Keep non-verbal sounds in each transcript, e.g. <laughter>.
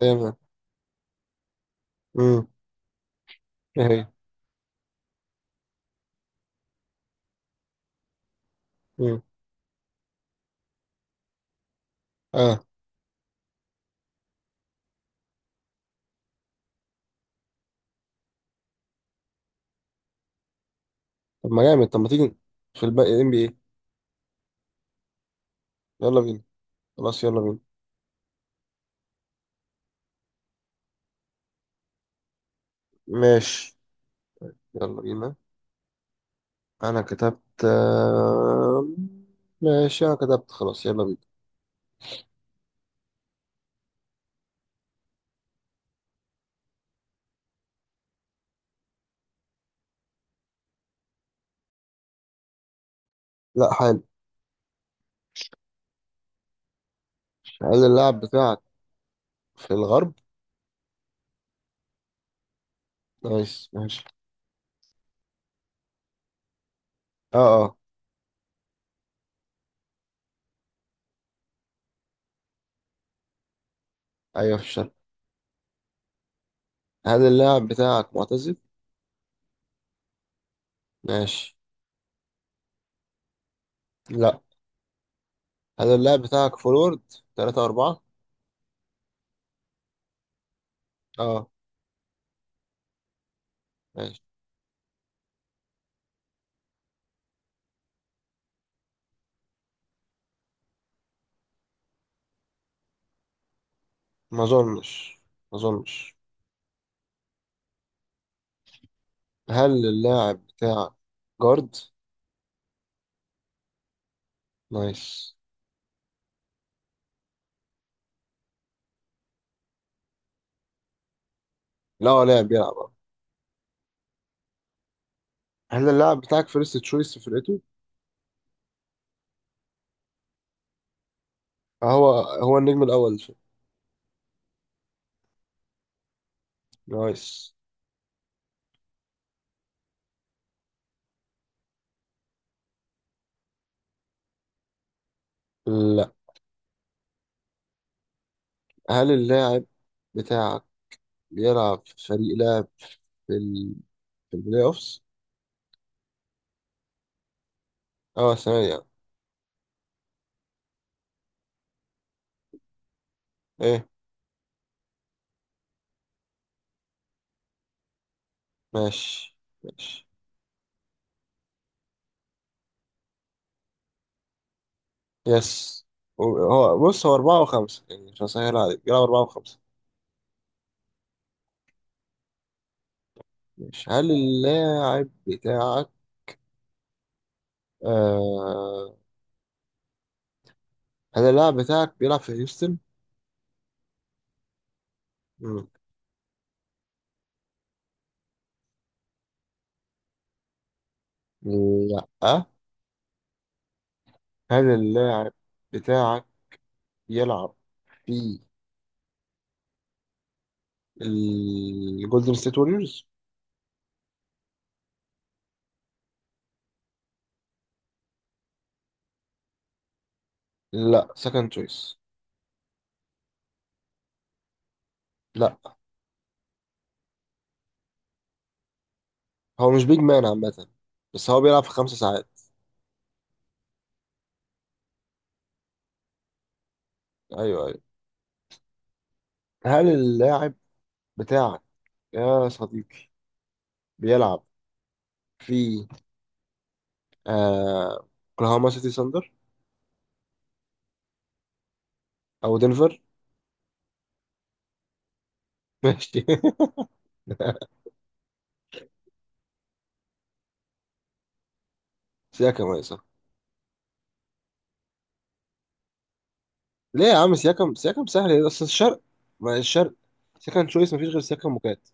تمام. امم ايه هي؟ امم اه. طب ما جامد، طب ما تيجي في الباقي NBA. يلا بينا. خلاص يلا بينا. ماشي يلا بينا. انا كتبت ماشي انا كتبت خلاص يلا بينا. لا حلو. هل اللاعب بتاعك في الغرب؟ نايس ماشي. اه اه. ايوه في الشرق. هل اللاعب بتاعك معتزل؟ ماشي. لا. هل اللاعب بتاعك فورورد 3 4؟ اه. ماشي. ما اظنش ما اظنش. هل اللاعب بتاعك جارد؟ نايس. لا هو لاعب بيلعب اه. هل اللاعب بتاعك فيرست تشويس في فرقته؟ هو النجم الأول نايس. لا. هل اللاعب بتاعك بيلعب في فريق لاعب في ال... في البلاي أوفس؟ اه ثانية. ايه؟ ماشي ماشي. يس. هو بص هو 4 و5، يعني مش هسهل عليك، بيلعب 4 و5. ماشي. هل اللاعب بتاعك آه... هل اللاعب بتاعك بيلعب في هيوستن؟ مم. لا. هل اللاعب بتاعك يلعب في الجولدن ستيت ووريرز؟ لا سكند تشويس. لا هو مش بيج مان عامة. بس هو بيلعب في 5 ساعات. ايوه ايوه. هل اللاعب بتاعك يا صديقي بيلعب في اوكلاهوما سيتي ساندر او دنفر؟ ماشي. <laughs> سياكم يا صاحبي. ليه يا عم سياكم سياكم سهل إيه؟ اصل الشرق، ما الشرق سكند تشويس مفيش غير سياكم وكات.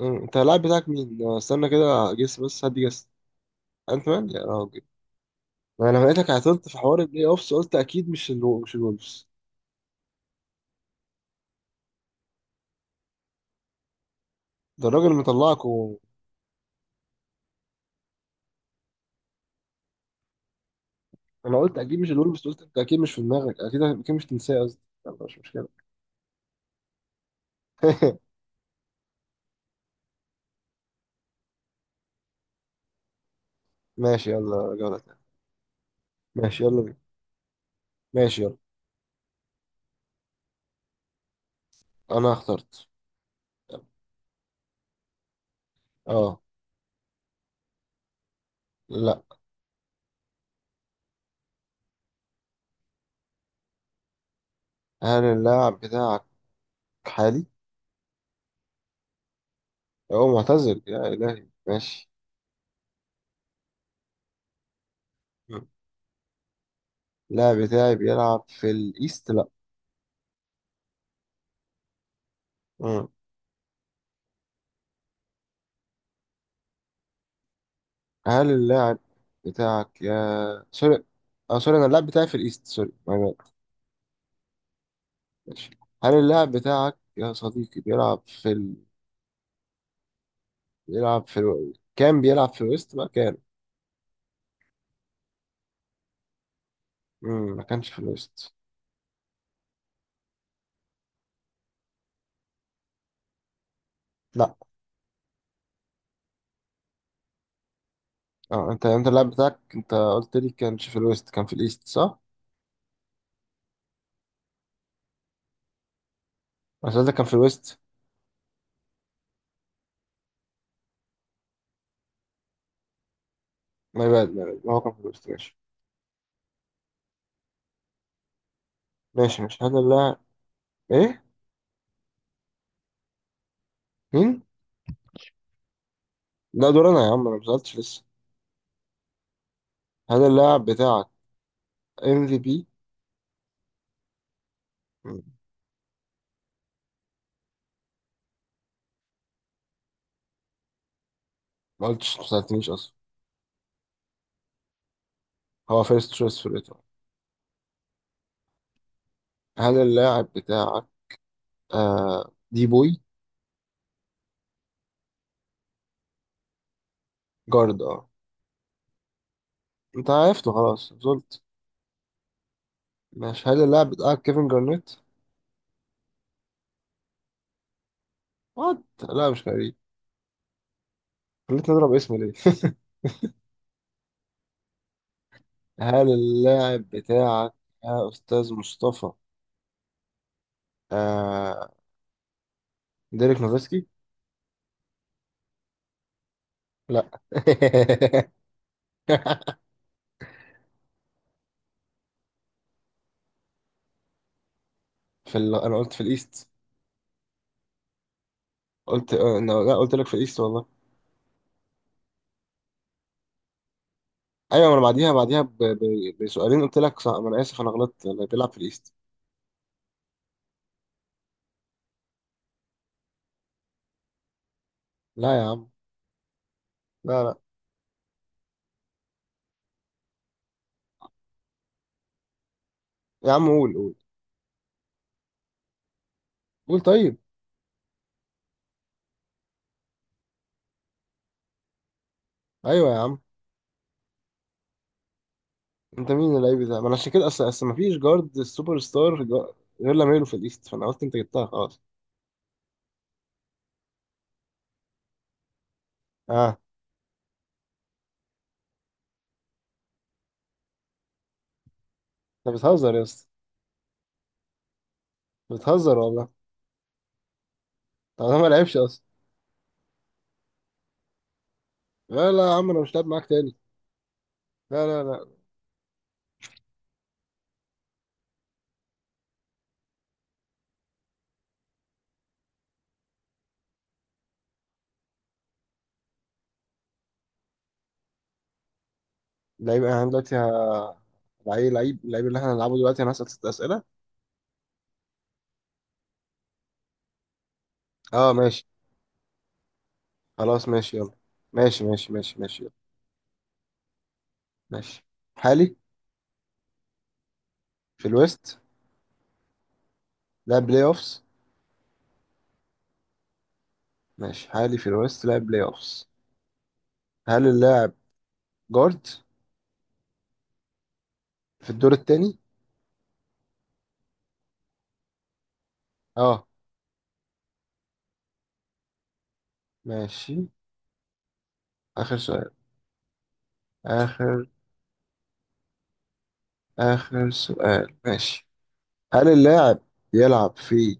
انت اللاعب بتاعك مين؟ استنى كده، جس بس، هدي جس. انت مان يا راجل. ما انا لقيتك عطلت في حوار البلاي اوفس قلت اكيد مش مش الولفز. ده الراجل مطلعك. انا قلت اكيد مش الولفز، قلت انت اكيد مش في دماغك، اكيد اكيد مش تنساه قصدي. يلا مش مشكله. <laughs> ماشي يلا جوله تانية. ماشي يلا بينا. ماشي يلا. انا اخترت. اه. لا. هل اللاعب بتاعك حالي؟ هو معتزل يا الهي ماشي. مم. اللاعب بتاعي بيلعب في الايست لا. مم. هل اللاعب بتاعك يا سوري، اه سوري، انا اللاعب بتاعي في الايست سوري. ماشي. هل اللاعب بتاعك يا صديقي بيلعب كان بيلعب في الويست بقى كان. مم. ما كانش في الويست. لا. اه، انت اللاعب بتاعك، انت قلت لي كانش في الويست كان في الايست صح؟ انا سألتك كان في الويست. ما يبان ما يبان. هو كان في الويست. ماشي. ماشي ماشي. هل اللاعب. ايه؟ مين؟ لا دور انا يا عم، انا ما سألتش لسه. هل اللاعب بتاعك MVP؟ ما قلتش، ما سألتنيش اصلا. هو فيرست تشويس في الإيطالي. هل اللاعب بتاعك دي بوي؟ جارد. اه. انت عرفته خلاص زولت. ماشي. هل اللاعب بتاعك كيفن جارنيت؟ وات. لا مش غريب. خليتني اضرب اسم ليه. <laughs> هل اللاعب بتاعك يا استاذ مصطفى آه ديريك نوفسكي؟ لا. <laughs> انا قلت في الايست. قلت لا لا، قلت لك في الايست والله. ايوه ما انا بعديها بعديها بسؤالين قلت لك صح. ما انا اسف، انا غلطت، اللي بيلعب في الايست. لا يا عم. لا لا يا عم. قول قول. قول طيب. ايوه يا عم. انت مين اللعيب ده؟ ما انا عشان كده، اصل اصل ما فيش جارد سوبر ستار غير لاميلو في الايست فانا قلت انت جبتها خلاص. اه. انت بتهزر يا اسطى. بتهزر والله. طب انا ما لعبش اصلا. لا لا يا عم، انا مش لاعب معاك تاني. لا لا لا. لعيب انا دلوقتي. لعيب لعيب اللعيب اللي احنا هنلعبه دلوقتي، انا هسأل 6 اسئله. اه ماشي. خلاص ماشي يلا. ماشي ماشي ماشي ماشي يلا. ماشي حالي في الويست لاعب بلاي اوفس. ماشي حالي في الويست لاعب بلاي اوفس. هل اللاعب جارد في الدور التاني؟ اه ماشي. اخر سؤال. آخر. آخر سؤال ماشي. هل اللاعب يلعب في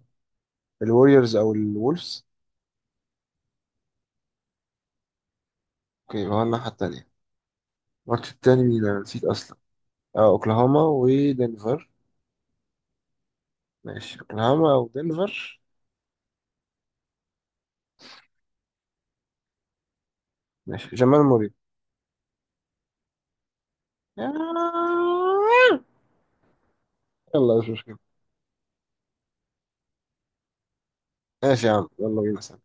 الوريورز أو الولفز؟ أوكي هو الناحية التانية. الماتش التاني مين، أنا نسيت أصلا. آه أوكلاهوما ودنفر. ماشي أوكلاهوما أو دنفر. ماشي جمال موري. يلا. مش مشكلة. ماشي يا عم يلا بينا.